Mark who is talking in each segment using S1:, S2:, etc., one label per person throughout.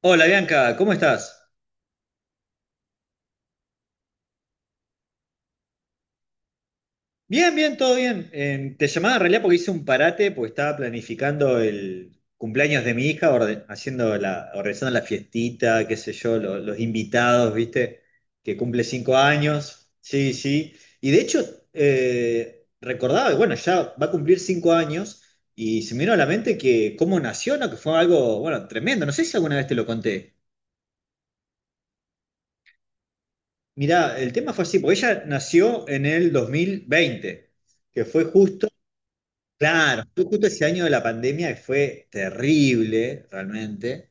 S1: Hola Bianca, ¿cómo estás? Bien, bien, todo bien. Te llamaba en realidad porque hice un parate, porque estaba planificando el cumpleaños de mi hija, organizando la fiestita, qué sé yo, los invitados, ¿viste? Que cumple 5 años. Sí, sí. Y de hecho, recordaba que, bueno, ya va a cumplir 5 años y se me vino a la mente que cómo nació, ¿no? Que fue algo, bueno, tremendo. No sé si alguna vez te lo conté. Mirá, el tema fue así, porque ella nació en el 2020, que fue justo, claro, fue justo ese año de la pandemia, que fue terrible realmente,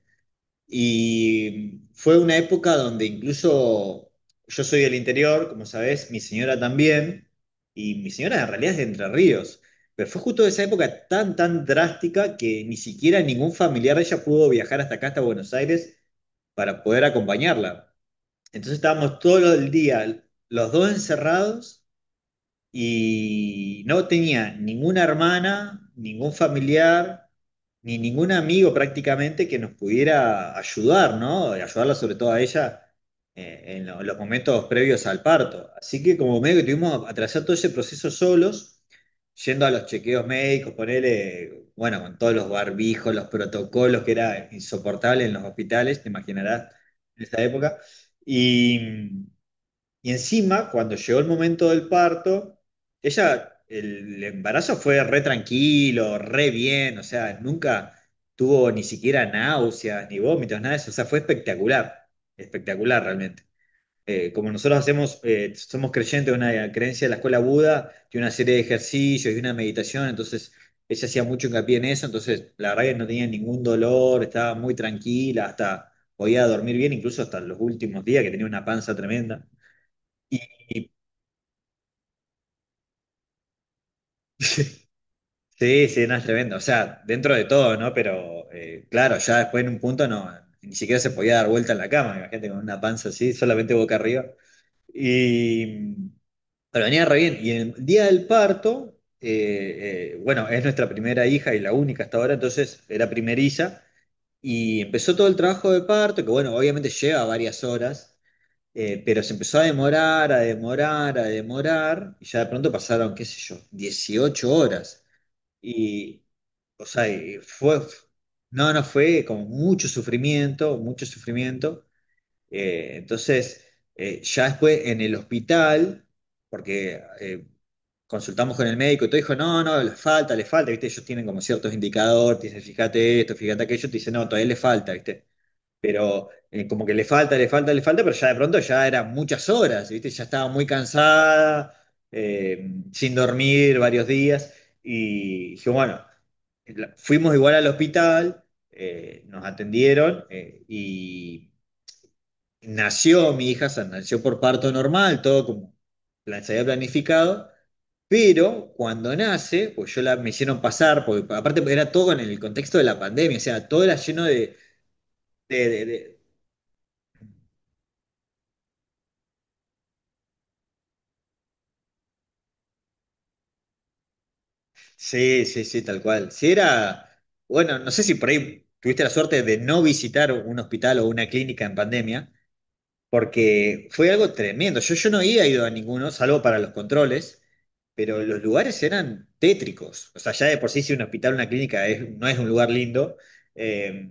S1: y fue una época donde incluso yo soy del interior, como sabés, mi señora también, y mi señora en realidad es de Entre Ríos, pero fue justo esa época tan, tan drástica que ni siquiera ningún familiar de ella pudo viajar hasta acá, hasta Buenos Aires, para poder acompañarla. Entonces estábamos todo el día, los dos encerrados, y no tenía ninguna hermana, ningún familiar, ni ningún amigo prácticamente que nos pudiera ayudar, ¿no? Ayudarla sobre todo a ella en los momentos previos al parto. Así que como medio que tuvimos que atravesar todo ese proceso solos, yendo a los chequeos médicos, ponerle, bueno, con todos los barbijos, los protocolos, que era insoportable en los hospitales, te imaginarás, en esa época. Y, y encima, cuando llegó el momento del parto, ella, el embarazo fue re tranquilo, re bien, o sea, nunca tuvo ni siquiera náuseas, ni vómitos, nada de eso, o sea, fue espectacular, espectacular realmente. Como nosotros hacemos, somos creyentes de una creencia de la escuela Buda, de una serie de ejercicios y una meditación, entonces ella hacía mucho hincapié en eso, entonces la verdad que no tenía ningún dolor, estaba muy tranquila, hasta podía dormir bien, incluso hasta los últimos días que tenía una panza tremenda. Y, Sí, sí, no es tremendo. O sea, dentro de todo, ¿no? Pero claro, ya después en un punto no, ni siquiera se podía dar vuelta en la cama, imagínate, con una panza así, solamente boca arriba. Y pero venía re bien. Y en el día del parto, bueno, es nuestra primera hija y la única hasta ahora, entonces era primeriza. Y empezó todo el trabajo de parto, que bueno, obviamente lleva varias horas, pero se empezó a demorar, a demorar, a demorar, y ya de pronto pasaron, qué sé yo, 18 horas. Y, o sea, no, no fue como mucho sufrimiento, mucho sufrimiento. Entonces, ya después en el hospital, porque consultamos con el médico y todo, dijo, no, no, le falta, ¿viste? Ellos tienen como ciertos indicadores, te dicen, fíjate esto, fíjate aquello, te dicen, no, todavía le falta, ¿viste? Pero como que le falta, le falta, le falta, pero ya de pronto ya eran muchas horas, ¿viste? Ya estaba muy cansada, sin dormir varios días, y dije, bueno, fuimos igual al hospital, nos atendieron, y nació mi hija, o sea, nació por parto normal, todo como se había planificado. Pero cuando nace, pues yo la me hicieron pasar, porque aparte era todo en el contexto de la pandemia, o sea, todo era lleno de. Sí, sí, sí, tal cual. Si era, bueno, no sé si por ahí tuviste la suerte de no visitar un hospital o una clínica en pandemia, porque fue algo tremendo. Yo no había ido a ninguno, salvo para los controles, pero los lugares eran tétricos. O sea, ya de por sí si un hospital o una clínica no es un lugar lindo, eh,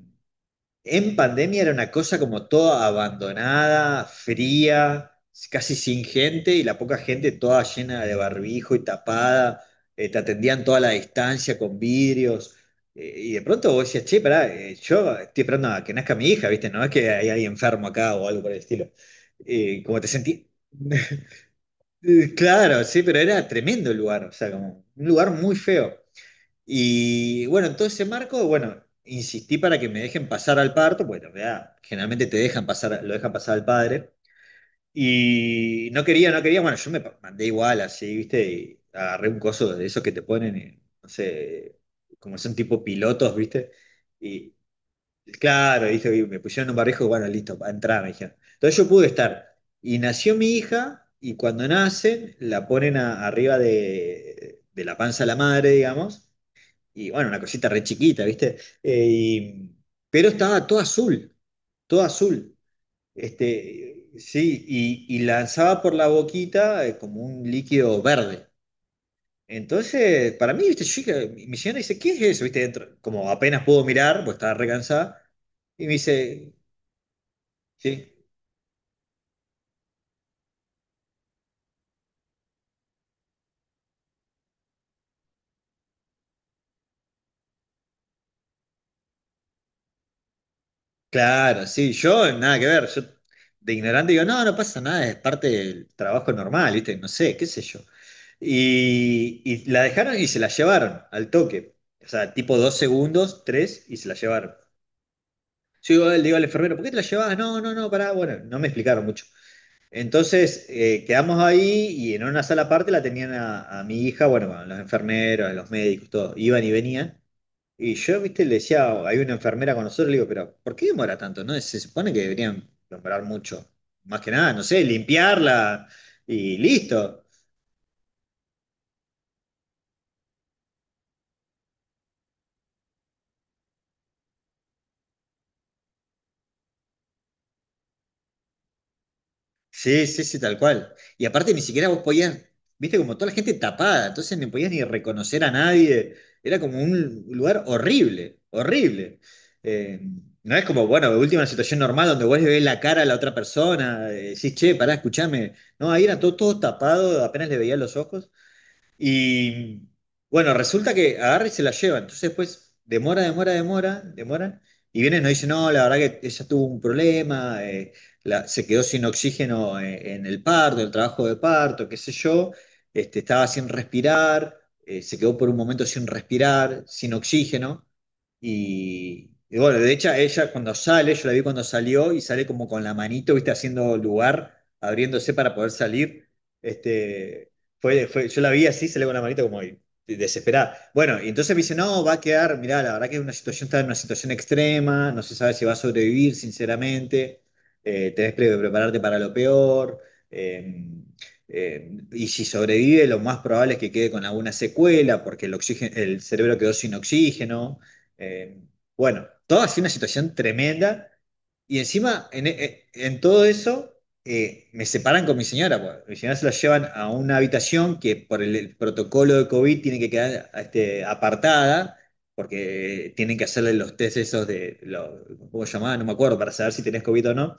S1: en pandemia era una cosa como toda abandonada, fría, casi sin gente, y la poca gente toda llena de barbijo y tapada, te atendían toda la distancia con vidrios, y de pronto vos decías, che, pará, yo estoy esperando a que nazca mi hija, ¿viste? No es que hay alguien enfermo acá o algo por el estilo. Como te sentí... Claro, sí, pero era tremendo el lugar, o sea, como un lugar muy feo. Y bueno, en todo ese marco, bueno, insistí para que me dejen pasar al parto, porque en realidad generalmente te dejan pasar, lo dejan pasar al padre. Y no quería, no quería, bueno, yo me mandé igual así, ¿viste? Y agarré un coso de esos que te ponen, no sé, como son tipo pilotos, ¿viste? Y claro, ¿viste? Y me pusieron un barrijo, y bueno, listo, para entrar, me dijeron. Entonces yo pude estar. Y nació mi hija, y cuando nacen, la ponen arriba de la panza de la madre, digamos, y bueno, una cosita re chiquita, ¿viste? Pero estaba todo azul, todo azul. Este, sí, y lanzaba por la boquita como un líquido verde. Entonces, para mí, ¿viste? Yo dije- mi mi señora dice, ¿qué es eso? ¿Viste? Dentro, como apenas pudo mirar, pues estaba re cansada, y me dice, sí. Claro, sí, yo nada que ver, yo de ignorante digo, no, no pasa nada, es parte del trabajo normal, ¿viste? No sé, qué sé yo. Y la dejaron y se la llevaron al toque. O sea, tipo 2 segundos, tres, y se la llevaron. Yo digo, le digo al enfermero, ¿por qué te la llevas? No, no, no, pará, bueno, no me explicaron mucho. Entonces, quedamos ahí, y en una sala aparte la tenían a mi hija, bueno, con los enfermeros, los médicos, todo, iban y venían. Y yo, viste, le decía, hay una enfermera con nosotros, le digo, pero ¿por qué demora tanto? ¿No? Se supone que deberían demorar mucho. Más que nada, no sé, limpiarla y listo. Sí, sí, sí, tal cual. Y aparte ni siquiera vos podías, viste, como toda la gente tapada, entonces no podías ni reconocer a nadie. Era como un lugar horrible, horrible. Eh, no es como, bueno, de última situación normal donde vos le ves la cara a la otra persona, decís, che, pará, escuchame. No, ahí era todo, todo tapado, apenas le veía los ojos. Y bueno, resulta que agarra y se la lleva. Entonces después demora, demora, demora, demora. Y viene y nos dice, no, la verdad que ella tuvo un problema, se quedó sin oxígeno en el parto, el trabajo de parto, qué sé yo. Este, estaba sin respirar, se quedó por un momento sin respirar, sin oxígeno. Y bueno, de hecho ella cuando sale, yo la vi cuando salió y sale como con la manito, viste, haciendo lugar, abriéndose para poder salir. Este, yo la vi así, se le con la manita como ahí, desesperada. Bueno, y entonces me dice, no, va a quedar, mirá, la verdad que es una situación, está en una situación extrema, no se sabe si va a sobrevivir, sinceramente, tenés que prepararte para lo peor, eh, y si sobrevive, lo más probable es que quede con alguna secuela, porque el oxígeno, el cerebro quedó sin oxígeno. eh, bueno, toda así una situación tremenda, y encima, en en todo eso me separan con mi señora, pues. Mi señora se la llevan a una habitación que por el protocolo de COVID tiene que quedar apartada, porque tienen que hacerle los test esos de, lo, ¿cómo se llamaba? No me acuerdo, para saber si tenés COVID o no.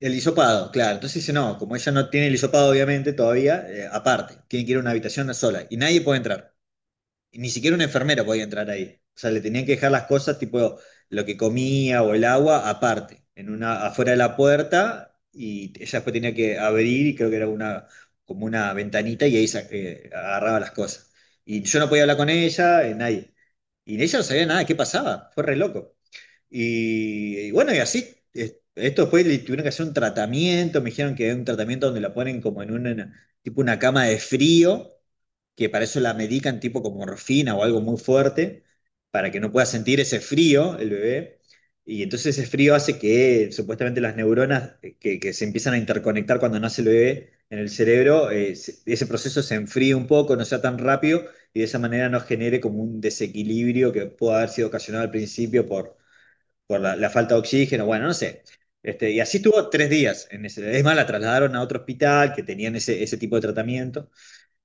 S1: El hisopado, claro. Entonces dice, no, como ella no tiene el hisopado, obviamente, todavía, aparte, tiene que ir a una habitación sola y nadie puede entrar. Y ni siquiera un enfermero podía entrar ahí. O sea, le tenían que dejar las cosas, tipo lo que comía o el agua, aparte, en una, afuera de la puerta, y ella después tenía que abrir, y creo que era una, como una ventanita, y ahí agarraba las cosas. Y yo no podía hablar con ella, nadie. Y ella no sabía nada de qué pasaba, fue re loco. Y bueno, y así, esto después le tuvieron que hacer un tratamiento, me dijeron que era un tratamiento donde la ponen como en una, tipo una cama de frío, que para eso la medican tipo con morfina o algo muy fuerte, para que no pueda sentir ese frío el bebé. Y entonces ese frío hace que supuestamente las neuronas, que se empiezan a interconectar cuando nace el bebé en el cerebro, ese proceso se enfríe un poco, no sea tan rápido, y de esa manera no genere como un desequilibrio que pueda haber sido ocasionado al principio por la, la falta de oxígeno, bueno, no sé. Y así estuvo 3 días. En ese, es más, la trasladaron a otro hospital que tenían ese, ese tipo de tratamiento.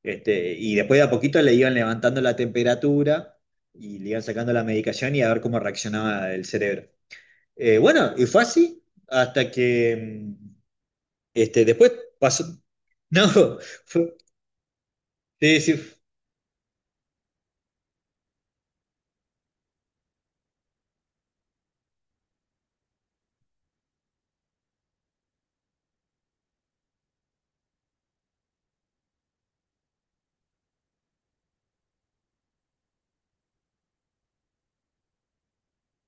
S1: Y después de a poquito le iban levantando la temperatura y le iban sacando la medicación, y a ver cómo reaccionaba el cerebro. Bueno, y fue así hasta que mm, después pasó. No, fue, sí, sí,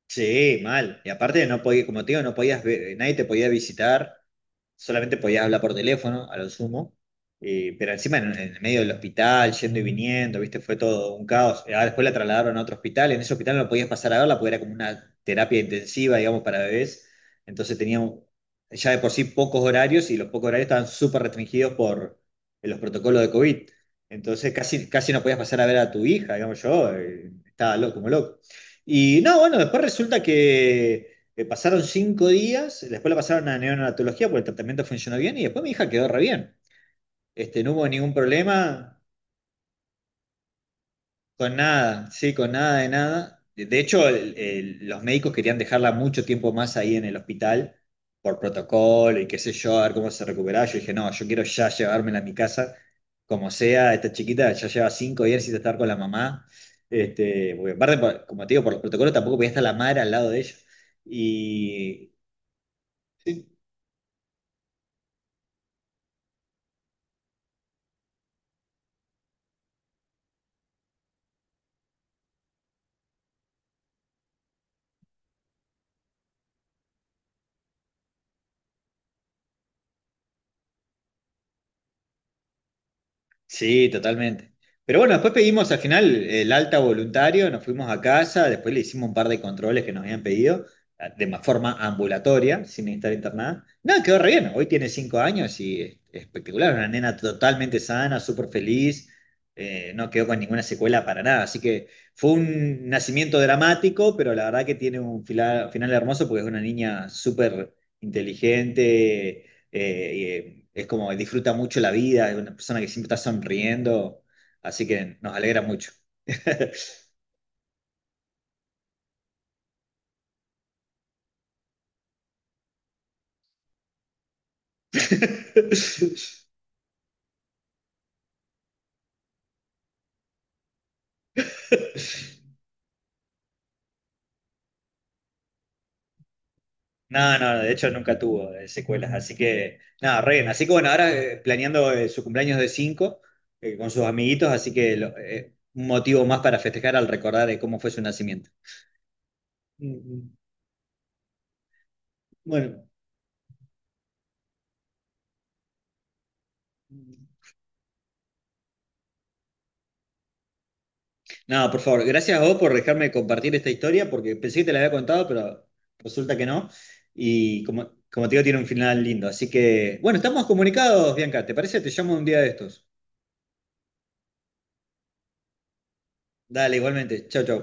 S1: Sí, mal. Y aparte no podía, como te digo, no podías ver, nadie te podía visitar, solamente podías hablar por teléfono, a lo sumo. Pero encima en el medio del hospital, yendo y viniendo, viste, fue todo un caos. Después la trasladaron a otro hospital; en ese hospital no podías pasar a verla porque era como una terapia intensiva, digamos, para bebés. Entonces tenía ya de por sí pocos horarios, y los pocos horarios estaban súper restringidos por los protocolos de COVID. Entonces casi, casi no podías pasar a ver a tu hija, digamos yo, estaba loco, como loco. Y no, bueno, después resulta que pasaron 5 días, después la pasaron a neonatología porque el tratamiento funcionó bien, y después mi hija quedó re bien. No hubo ningún problema, con nada, sí, con nada de nada. De hecho, los médicos querían dejarla mucho tiempo más ahí en el hospital por protocolo y qué sé yo, a ver cómo se recuperaba. Yo dije, no, yo quiero ya llevármela a mi casa, como sea, esta chiquita ya lleva 5 días sin estar con la mamá. Porque aparte, como te digo, por los protocolos tampoco podía estar la madre al lado de ella. Y Sí, totalmente. Pero bueno, después pedimos al final el alta voluntario, nos fuimos a casa, después le hicimos un par de controles que nos habían pedido, forma ambulatoria, sin estar internada. Nada, quedó re bien. Hoy tiene 5 años y es espectacular, una nena totalmente sana, súper feliz, no quedó con ninguna secuela para nada. Así que fue un nacimiento dramático, pero la verdad que tiene un final hermoso, porque es una niña súper inteligente, y, es como disfruta mucho la vida, es una persona que siempre está sonriendo, así que nos alegra mucho. No, no, de hecho nunca tuvo secuelas, así que nada, re bien. Así que bueno, ahora planeando su cumpleaños de 5 con sus amiguitos, así que un motivo más para festejar al recordar cómo fue su nacimiento. Mm, mm. Bueno. No, por favor, gracias a vos por dejarme compartir esta historia, porque pensé que te la había contado, pero resulta que no. Y como, como te digo, tiene un final lindo. Así que, bueno, estamos comunicados, Bianca. ¿Te parece? Te llamo un día de estos. Dale, igualmente. Chau, chau.